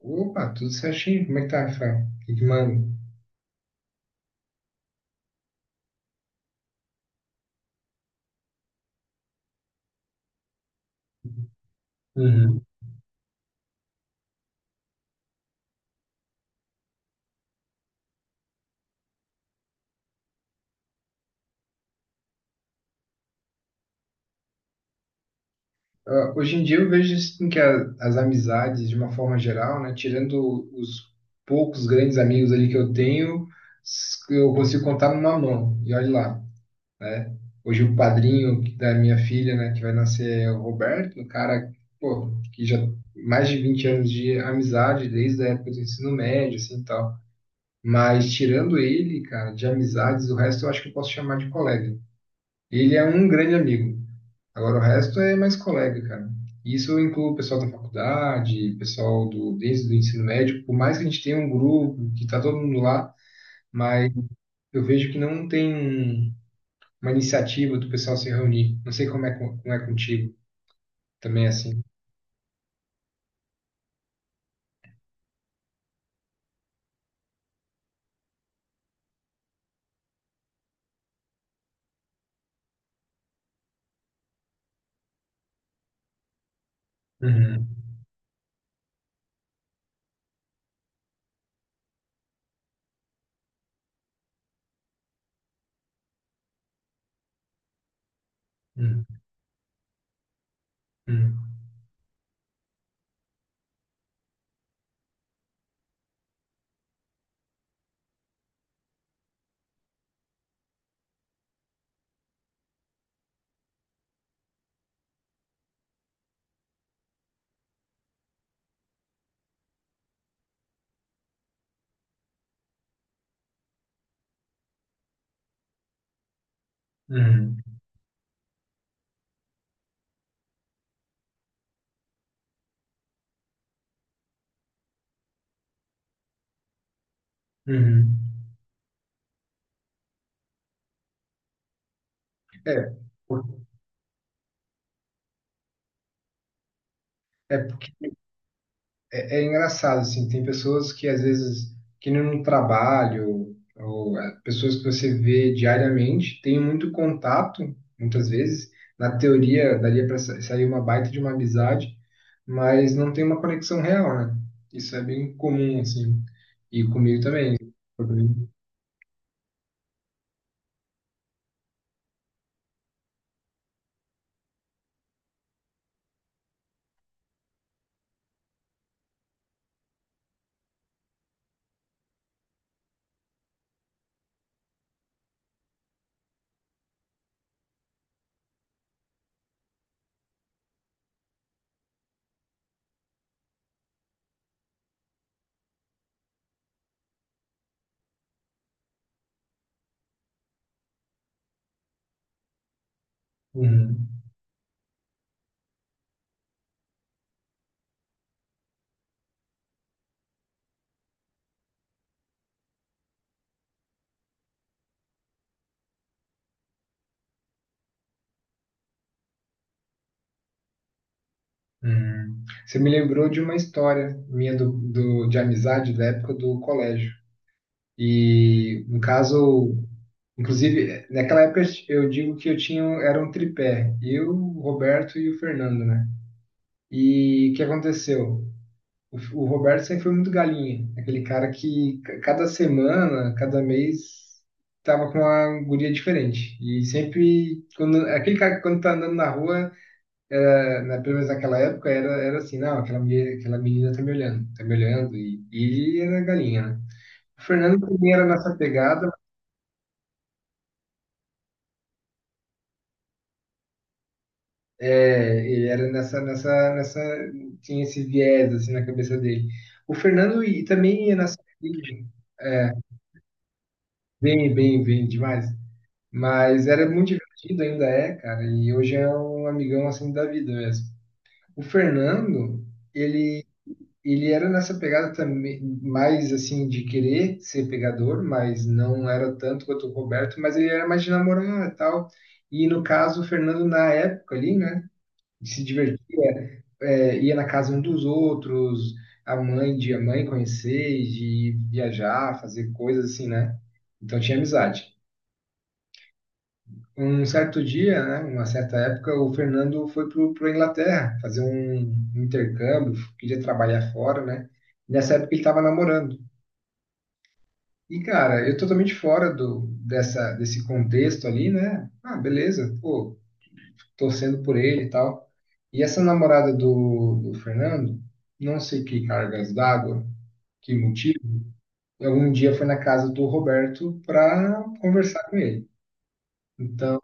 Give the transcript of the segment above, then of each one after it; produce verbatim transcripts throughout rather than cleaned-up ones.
Opa, tudo certinho? Como é que tá, Rafael? O que que manda? Uhum. Ah, hoje em dia eu vejo assim, que a- as amizades, de uma forma geral, né, tirando os poucos grandes amigos ali que eu tenho, s- eu consigo contar numa mão. E olha lá, né? Hoje o padrinho da minha filha, né, que vai nascer é o Roberto, um cara, pô, que já mais de vinte anos de amizade desde a época do ensino médio, assim, e tal. Mas tirando ele, cara, de amizades, o resto eu acho que eu posso chamar de colega. Ele é um grande amigo. Agora o resto é mais colega, cara. Isso inclui o pessoal da faculdade, pessoal do desde o ensino médio, por mais que a gente tenha um grupo que está todo mundo lá, mas eu vejo que não tem um- uma iniciativa do pessoal se reunir. Não sei como é, co- como é contigo, também é assim. Uhum, uhum, uhum, uhum, uhum. É, por- é. É, é engraçado, assim, tem pessoas que às vezes, que nem no trabalho, ou é, pessoas que você vê diariamente, tem muito contato, muitas vezes, na teoria daria para sair uma baita de uma amizade, mas não tem uma conexão real, né? Isso é bem comum, assim, e comigo também. Foi bem- Uhum. Uhum. Você me lembrou de uma história minha do, do, de amizade da época do colégio. E, no caso, inclusive, naquela época eu digo que eu tinha, era um tripé, eu, o Roberto e o Fernando, né? E o que aconteceu? O, o Roberto sempre foi muito galinha, aquele cara que ca- cada semana, cada mês, tava com uma guria diferente. E sempre, quando, aquele cara que quando tá andando na rua, eh, na, pelo menos naquela época, era, era assim, não, aquela, mulher- aquela menina tá me olhando, tá me olhando, e, e ele era galinha, né? O Fernando também era nessa pegada. É, ele era nessa, nessa, nessa, tinha esse viés assim na cabeça dele. O Fernando e também ia nessa origem, bem, bem, bem demais. Mas era muito divertido, ainda é, cara. E hoje é um amigão assim da vida mesmo. O Fernando, ele, ele era nessa pegada também, mais assim de querer ser pegador, mas não era tanto quanto o Roberto. Mas ele era mais de namorar e tal. E no caso, o Fernando na época ali, né? Se divertia, é, é, ia na casa um dos outros, a mãe de a mãe conhecer, de viajar, fazer coisas assim, né? Então tinha amizade. Um certo dia, né, uma certa época, o Fernando foi para a Inglaterra fazer um, um intercâmbio, queria trabalhar fora, né? Nessa época ele estava namorando. E, cara, eu totalmente fora do, dessa, desse contexto ali, né? Ah, beleza, pô, torcendo por ele e tal. E essa namorada do, do Fernando, não sei que cargas d'água, que motivo, algum dia foi na casa do Roberto para conversar com ele. Então,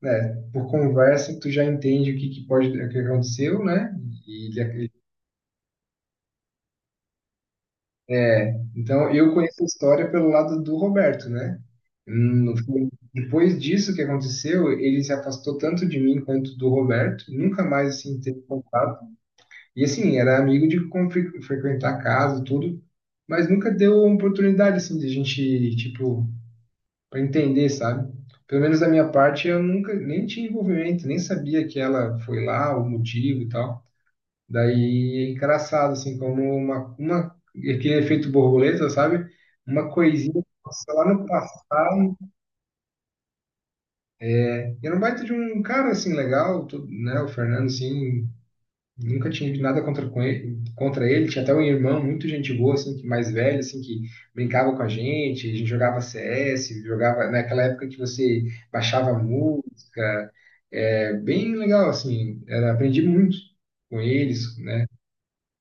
né, por conversa, tu já entende o que, que pode, o que aconteceu, né? E ele, acre- é, então, eu conheço a história pelo lado do Roberto, né? No fim, depois disso que aconteceu, ele se afastou tanto de mim quanto do Roberto, nunca mais assim teve contato. E assim, era amigo de com- fre- frequentar a casa, tudo, mas nunca deu uma oportunidade assim de a gente, tipo, para entender, sabe? Pelo menos da minha parte, eu nunca nem tinha envolvimento, nem sabia que ela foi lá, o motivo e tal. Daí é engraçado, assim, como uma, uma aquele efeito borboleta, sabe? Uma coisinha passa lá no passado, né? E era um baita de um cara assim legal, tudo, né? O Fernando, assim, nunca tive nada contra, com ele, contra ele. Tinha até um irmão muito gente boa, assim, que mais velho, assim, que brincava com a gente, a gente jogava C S, jogava naquela época que você baixava música. É bem legal, assim, era, aprendi muito com eles, né?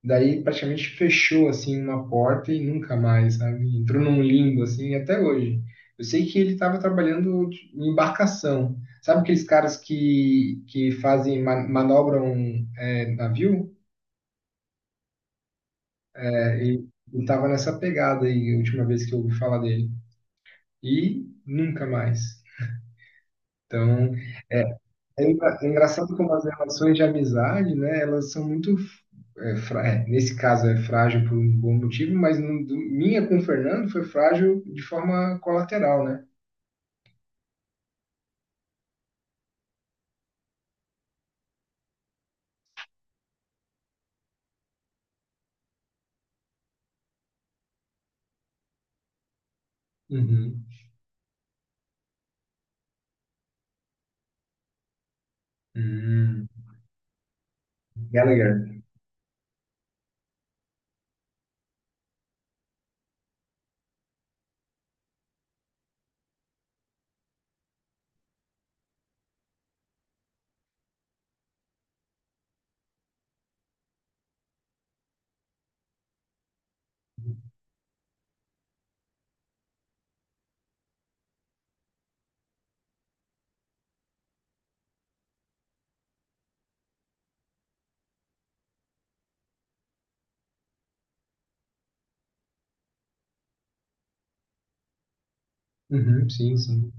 Daí praticamente fechou, assim, uma porta e nunca mais, sabe? Entrou num limbo, assim, até hoje. Eu sei que ele estava trabalhando de- em embarcação. Sabe aqueles caras que, que fazem, ma- manobram, é, navio? E, e nessa pegada aí, a última vez que eu ouvi falar dele. E nunca mais. Então, é, é engra- é engraçado como as relações de amizade, né, elas são muito, é, frá- é, nesse caso é frágil por um bom motivo, mas no- do- minha com o Fernando foi frágil de forma colateral, né? Uhum. Hum. Gallagher. Uhum, sim, sim.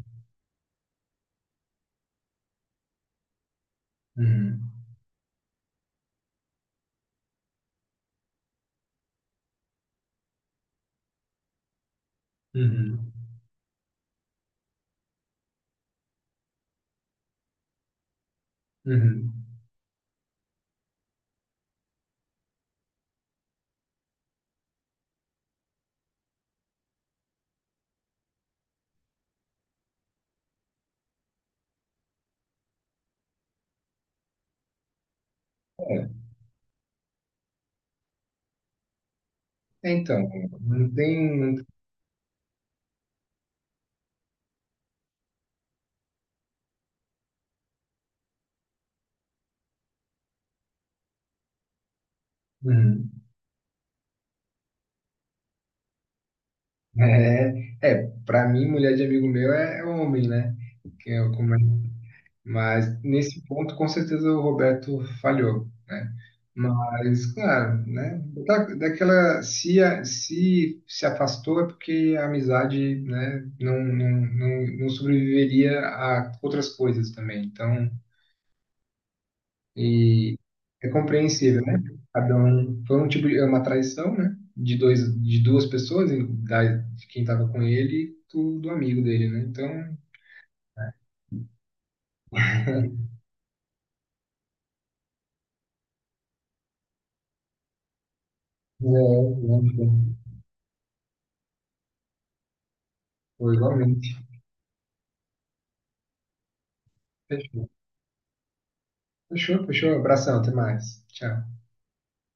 Uhum. Uhum. Uhum. É, então, não tem. Uhum. É, é, para mim, mulher de amigo meu é, é homem, né? Que eu comento. Mas nesse ponto, com certeza, o Roberto falhou, né? Mas, claro, né? Da, daquela, se, a- se se afastou é porque a amizade, né, não, não, não, não sobreviveria a outras coisas também. Então, e é compreensível, né? Cada um foi um tipo de é uma traição, né? De dois, de duas pessoas, e da, de quem estava com ele e do, do amigo dele, né? Então, é, é, é, foi igualmente. Fechou. Fechou, fechou. Abração, até mais. Tchau.